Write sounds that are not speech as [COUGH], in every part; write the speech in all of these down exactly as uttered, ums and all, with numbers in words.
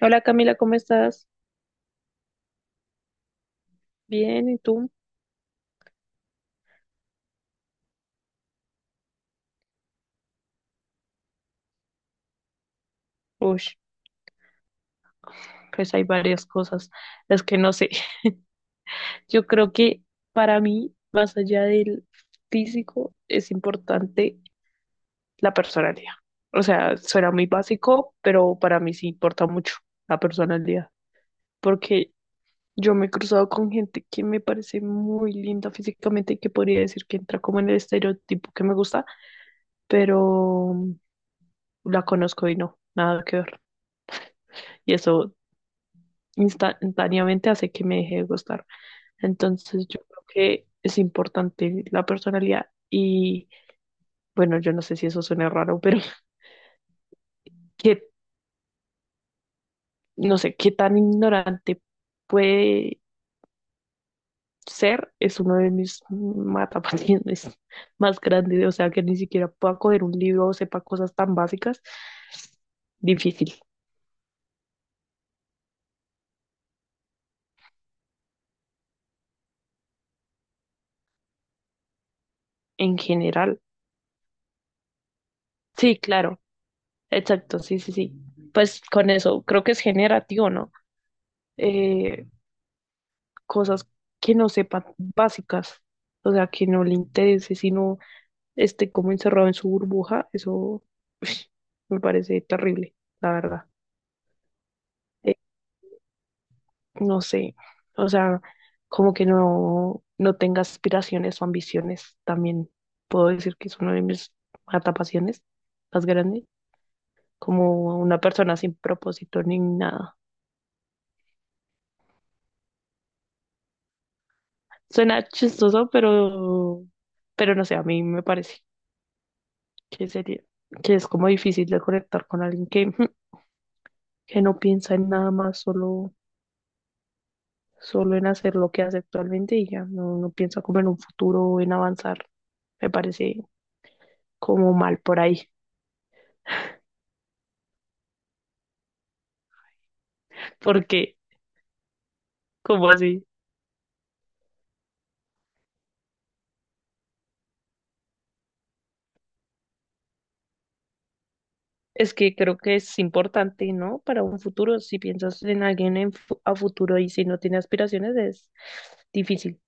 Hola Camila, ¿cómo estás? Bien, ¿y tú? Uy, pues hay varias cosas, las que no sé. [LAUGHS] Yo creo que para mí, más allá del físico, es importante la personalidad. O sea, suena muy básico, pero para mí sí importa mucho la personalidad, porque yo me he cruzado con gente que me parece muy linda físicamente y que podría decir que entra como en el estereotipo que me gusta, pero la conozco y no, nada que ver. Y eso instantáneamente hace que me deje de gustar. Entonces yo creo que es importante la personalidad y bueno, yo no sé si eso suena raro, pero [LAUGHS] que no sé qué tan ignorante puede ser es uno de mis matapasiones [LAUGHS] más grandes, o sea, que ni siquiera pueda coger un libro o sepa cosas tan básicas, difícil en general. Sí, claro, exacto, sí, sí, sí. Pues con eso creo que es generativo, ¿no? Eh, cosas que no sepa básicas, o sea, que no le interese, sino esté como encerrado en su burbuja, eso [LAUGHS] me parece terrible, la verdad. Eh, no sé, o sea, como que no, no tenga aspiraciones o ambiciones, también puedo decir que es una de mis matapasiones más grandes, como una persona sin propósito ni nada. Suena chistoso, pero, pero no sé, a mí me parece. Que sería, que es como difícil de conectar con alguien que, [LAUGHS] ujú, que no piensa en nada más, solo, solo en hacer lo que hace actualmente y ya no, no piensa como en un futuro o en avanzar. Me parece como mal por ahí, [LAUGHS] porque como así? Es que creo que es importante, ¿no? Para un futuro, si piensas en alguien en fu- a futuro y si no tiene aspiraciones, es difícil.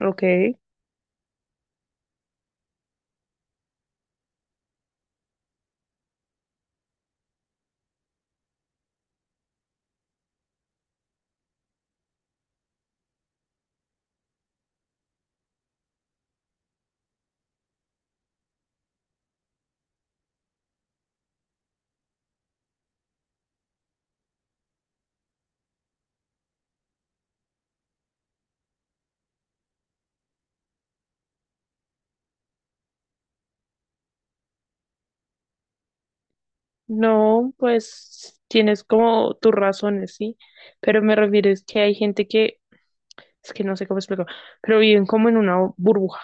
Ok, no, pues tienes como tus razones, sí, pero me refiero es que hay gente que es que no sé cómo explicarlo, pero viven como en una burbuja.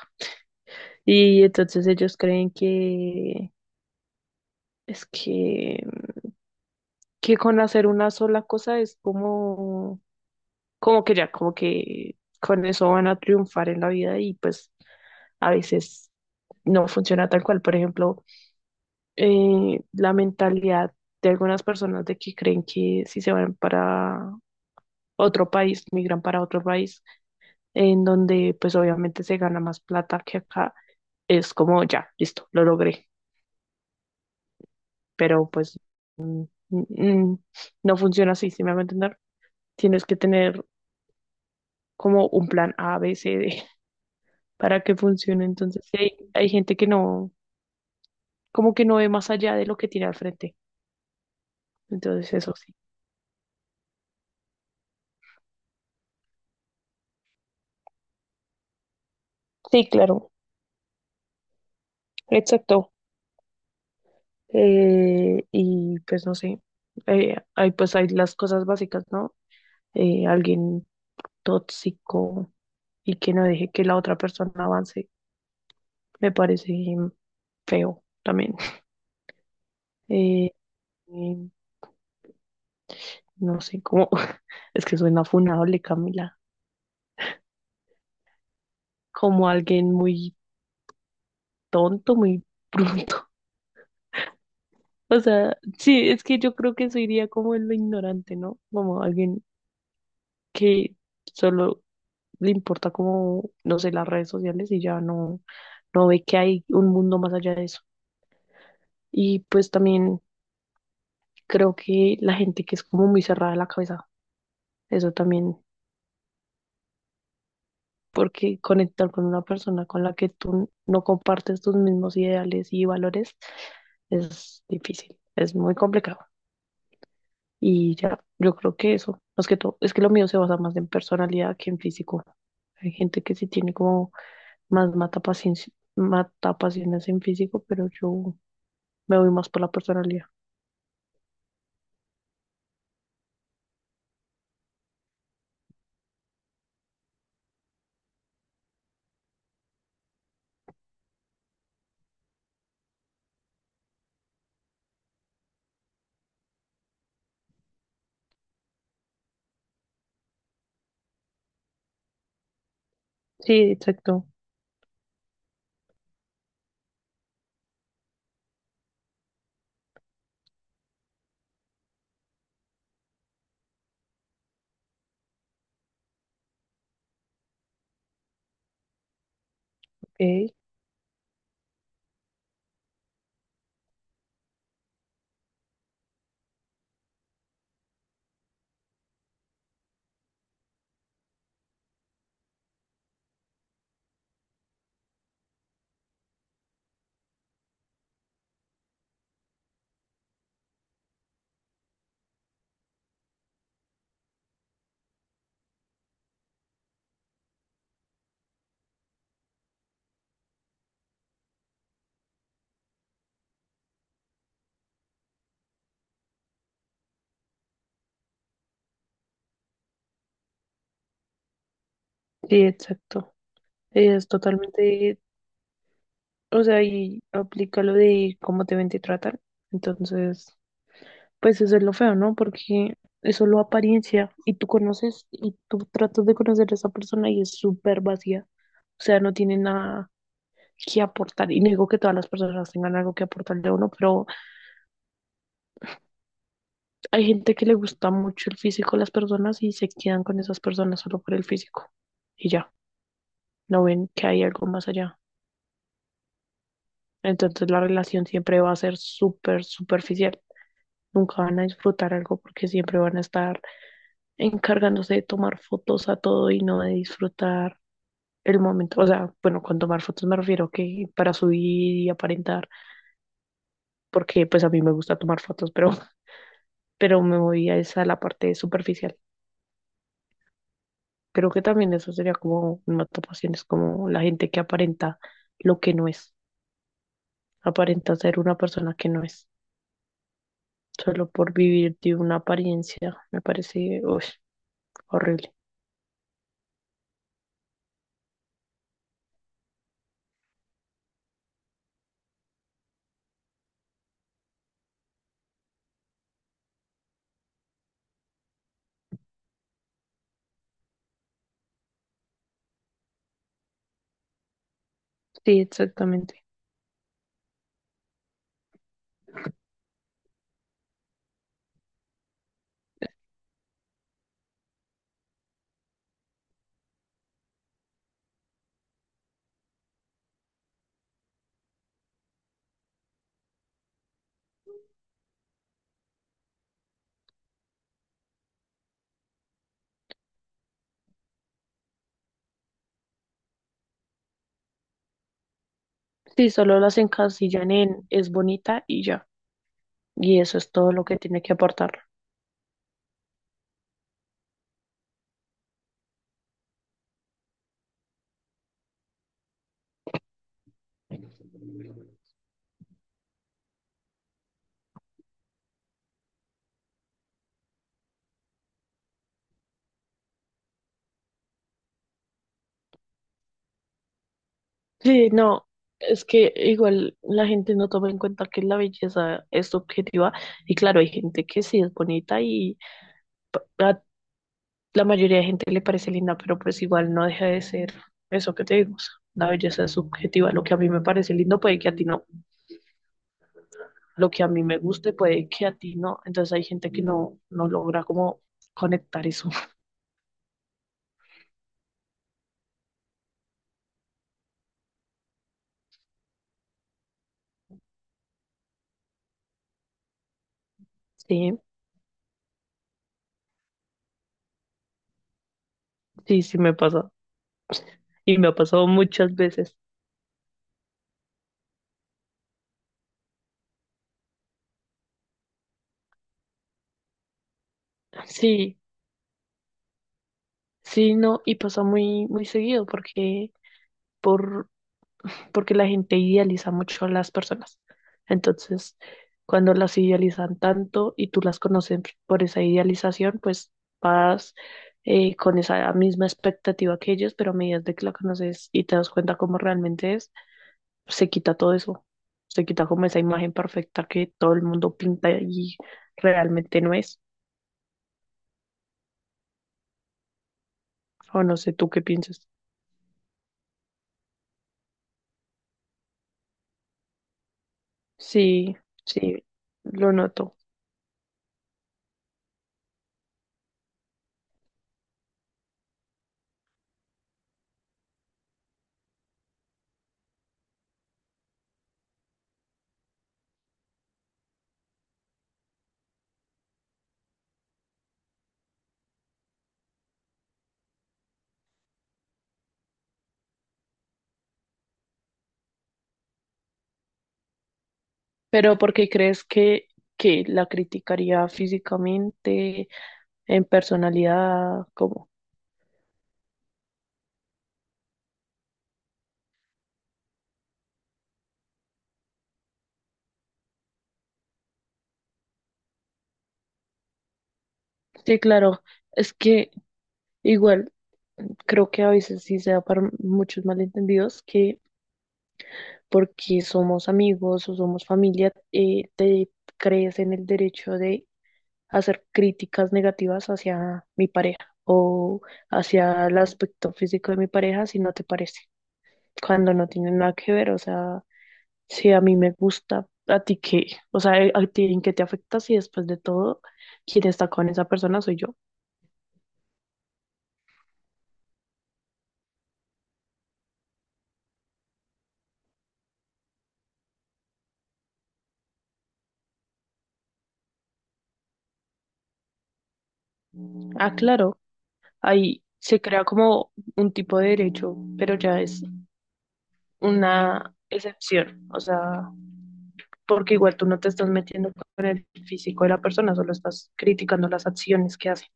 Y entonces ellos creen que es que, que con hacer una sola cosa es como, como que ya, como que con eso van a triunfar en la vida y pues a veces no funciona tal cual. Por ejemplo, eh, la mentalidad de algunas personas de que creen que si se van para otro país, migran para otro país, en donde pues obviamente se gana más plata que acá, es como ya, listo, lo logré. Pero pues mm, no funciona así, ¿si me hago entender? Tienes que tener como un plan A, B, C, D [LAUGHS] para que funcione. Entonces, sí hay, hay gente que no, como que no ve más allá de lo que tiene al frente. Entonces, eso sí. Sí, claro, exacto. Eh, y pues no sé, eh, hay, pues hay las cosas básicas, ¿no? Eh, alguien tóxico y que no deje que la otra persona avance, me parece mm, feo también. [LAUGHS] Eh, no sé cómo, [LAUGHS] es que suena funable, Camila, como alguien muy tonto, muy bruto. [LAUGHS] O sea, sí, es que yo creo que eso iría como en lo ignorante, ¿no? Como alguien que solo le importa como, no sé, las redes sociales y ya no, no ve que hay un mundo más allá de eso. Y pues también creo que la gente que es como muy cerrada de la cabeza, eso también porque conectar con una persona con la que tú no compartes tus mismos ideales y valores es difícil, es muy complicado. Y ya, yo creo que eso, más que todo, es que lo mío se basa más en personalidad que en físico. Hay gente que sí tiene como más mata paciencia, mata pasiones en físico, pero yo me voy más por la personalidad. Sí, exacto. Ok, sí, exacto. Es totalmente, o sea, y aplica lo de cómo te ven, te tratan. Entonces, pues eso es lo feo, ¿no? Porque es solo apariencia y tú conoces y tú tratas de conocer a esa persona y es súper vacía. O sea, no tiene nada que aportar. Y no digo que todas las personas tengan algo que aportarle a uno, pero hay gente que le gusta mucho el físico de las personas y se quedan con esas personas solo por el físico. Y ya, no ven que hay algo más allá. Entonces la relación siempre va a ser súper superficial. Nunca van a disfrutar algo porque siempre van a estar encargándose de tomar fotos a todo y no de disfrutar el momento, o sea, bueno, con tomar fotos me refiero que para subir y aparentar, porque pues a mí me gusta tomar fotos, pero, [LAUGHS] pero me voy a esa la parte superficial. Creo que también eso sería como una tapación, es como la gente que aparenta lo que no es, aparenta ser una persona que no es, solo por vivir de una apariencia, me parece uy, horrible. Sí, exactamente. Sí, solo las encasillan en es bonita y ya, y eso es todo lo que tiene que aportar. Sí, no, es que igual la gente no toma en cuenta que la belleza es subjetiva y claro, hay gente que sí es bonita y pa- a la mayoría de gente le parece linda, pero pues igual no deja de ser eso que te digo, o sea, la belleza es subjetiva, lo que a mí me parece lindo puede que a ti no, lo que a mí me guste puede que a ti no, entonces hay gente que no, no logra como conectar eso. [LAUGHS] Sí, sí, sí me pasa y me ha pasado muchas veces. Sí, sí, no, y pasa muy, muy seguido porque por porque la gente idealiza mucho a las personas. Entonces, cuando las idealizan tanto y tú las conoces por esa idealización, pues vas eh, con esa misma expectativa que ellos, pero a medida de que la conoces y te das cuenta cómo realmente es, se quita todo eso. Se quita como esa imagen perfecta que todo el mundo pinta y realmente no es. O no sé tú qué piensas. Sí, sí, lo noto. Pero ¿por qué crees que, que la criticaría físicamente? En personalidad, como. Sí, claro, es que igual creo que a veces sí se da para muchos malentendidos que porque somos amigos o somos familia, eh, te crees en el derecho de hacer críticas negativas hacia mi pareja o hacia el aspecto físico de mi pareja si no te parece, cuando no tiene nada que ver, o sea, si a mí me gusta, a ti qué, o sea, a ti en qué te afecta si después de todo quien está con esa persona soy yo. Ah, claro, ahí se crea como un tipo de derecho, pero ya es una excepción, o sea, porque igual tú no te estás metiendo con el físico de la persona, solo estás criticando las acciones que hace.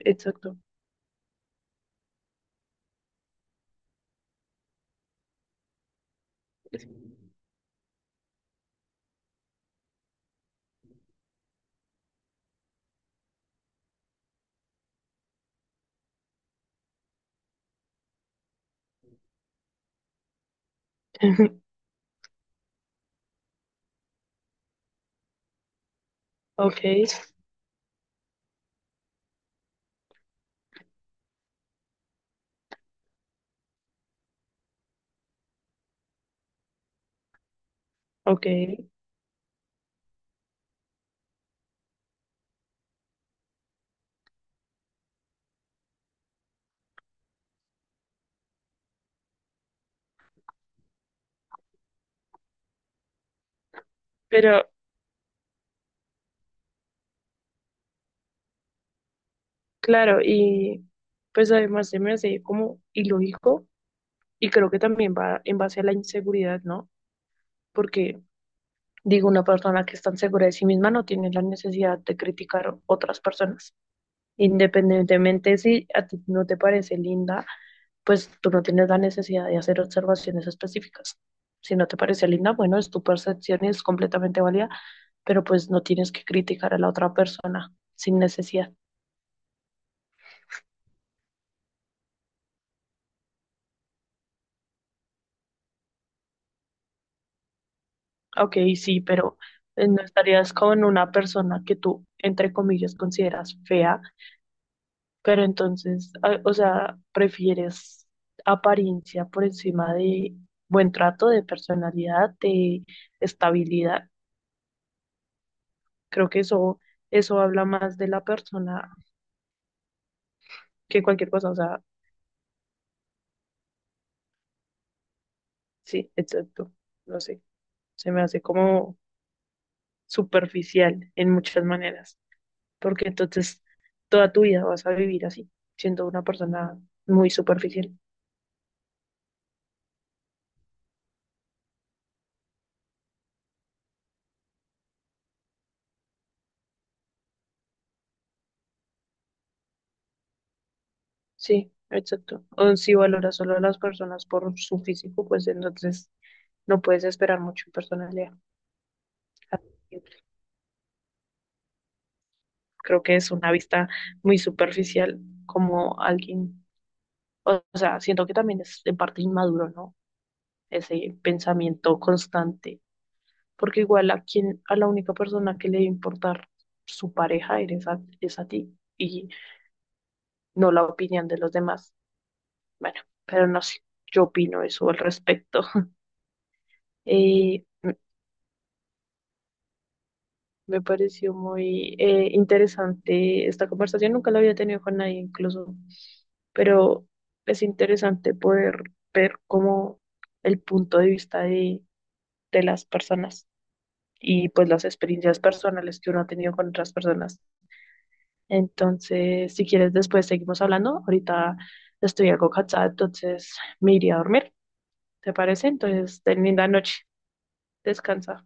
Exacto. [LAUGHS] Ok, ok, pero claro, y pues además se me hace como ilógico y creo que también va en base a la inseguridad, ¿no? Porque digo, una persona que está segura de sí misma no tiene la necesidad de criticar otras personas. Independientemente si a ti no te parece linda, pues tú no tienes la necesidad de hacer observaciones específicas. Si no te parece linda, bueno, es tu percepción y es completamente válida, pero pues no tienes que criticar a la otra persona sin necesidad. Ok, sí, pero eh, no estarías con una persona que tú, entre comillas, consideras fea, pero entonces, ah, o sea, prefieres apariencia por encima de buen trato, de personalidad, de estabilidad. Creo que eso, eso habla más de la persona que cualquier cosa. O sea, sí, exacto. No sé. Se me hace como superficial en muchas maneras. Porque entonces toda tu vida vas a vivir así, siendo una persona muy superficial. Sí, exacto. O si valoras solo a las personas por su físico, pues entonces no puedes esperar mucho en personalidad. Creo que es una vista muy superficial como alguien, o sea, siento que también es de parte inmaduro, ¿no? Ese pensamiento constante, porque igual a quien, a la única persona que le debe importar su pareja eres a, es a ti y no la opinión de los demás. Bueno, pero no sé, yo opino eso al respecto. [LAUGHS] Eh, m- me pareció muy eh, interesante esta conversación, nunca la había tenido con nadie incluso, pero es interesante poder ver cómo el punto de vista de, de las personas. Y pues las experiencias personales que uno ha tenido con otras personas. Entonces, si quieres, después seguimos hablando. Ahorita estoy algo cansada, entonces me iría a dormir, ¿te parece? Entonces, ten linda noche, descansa.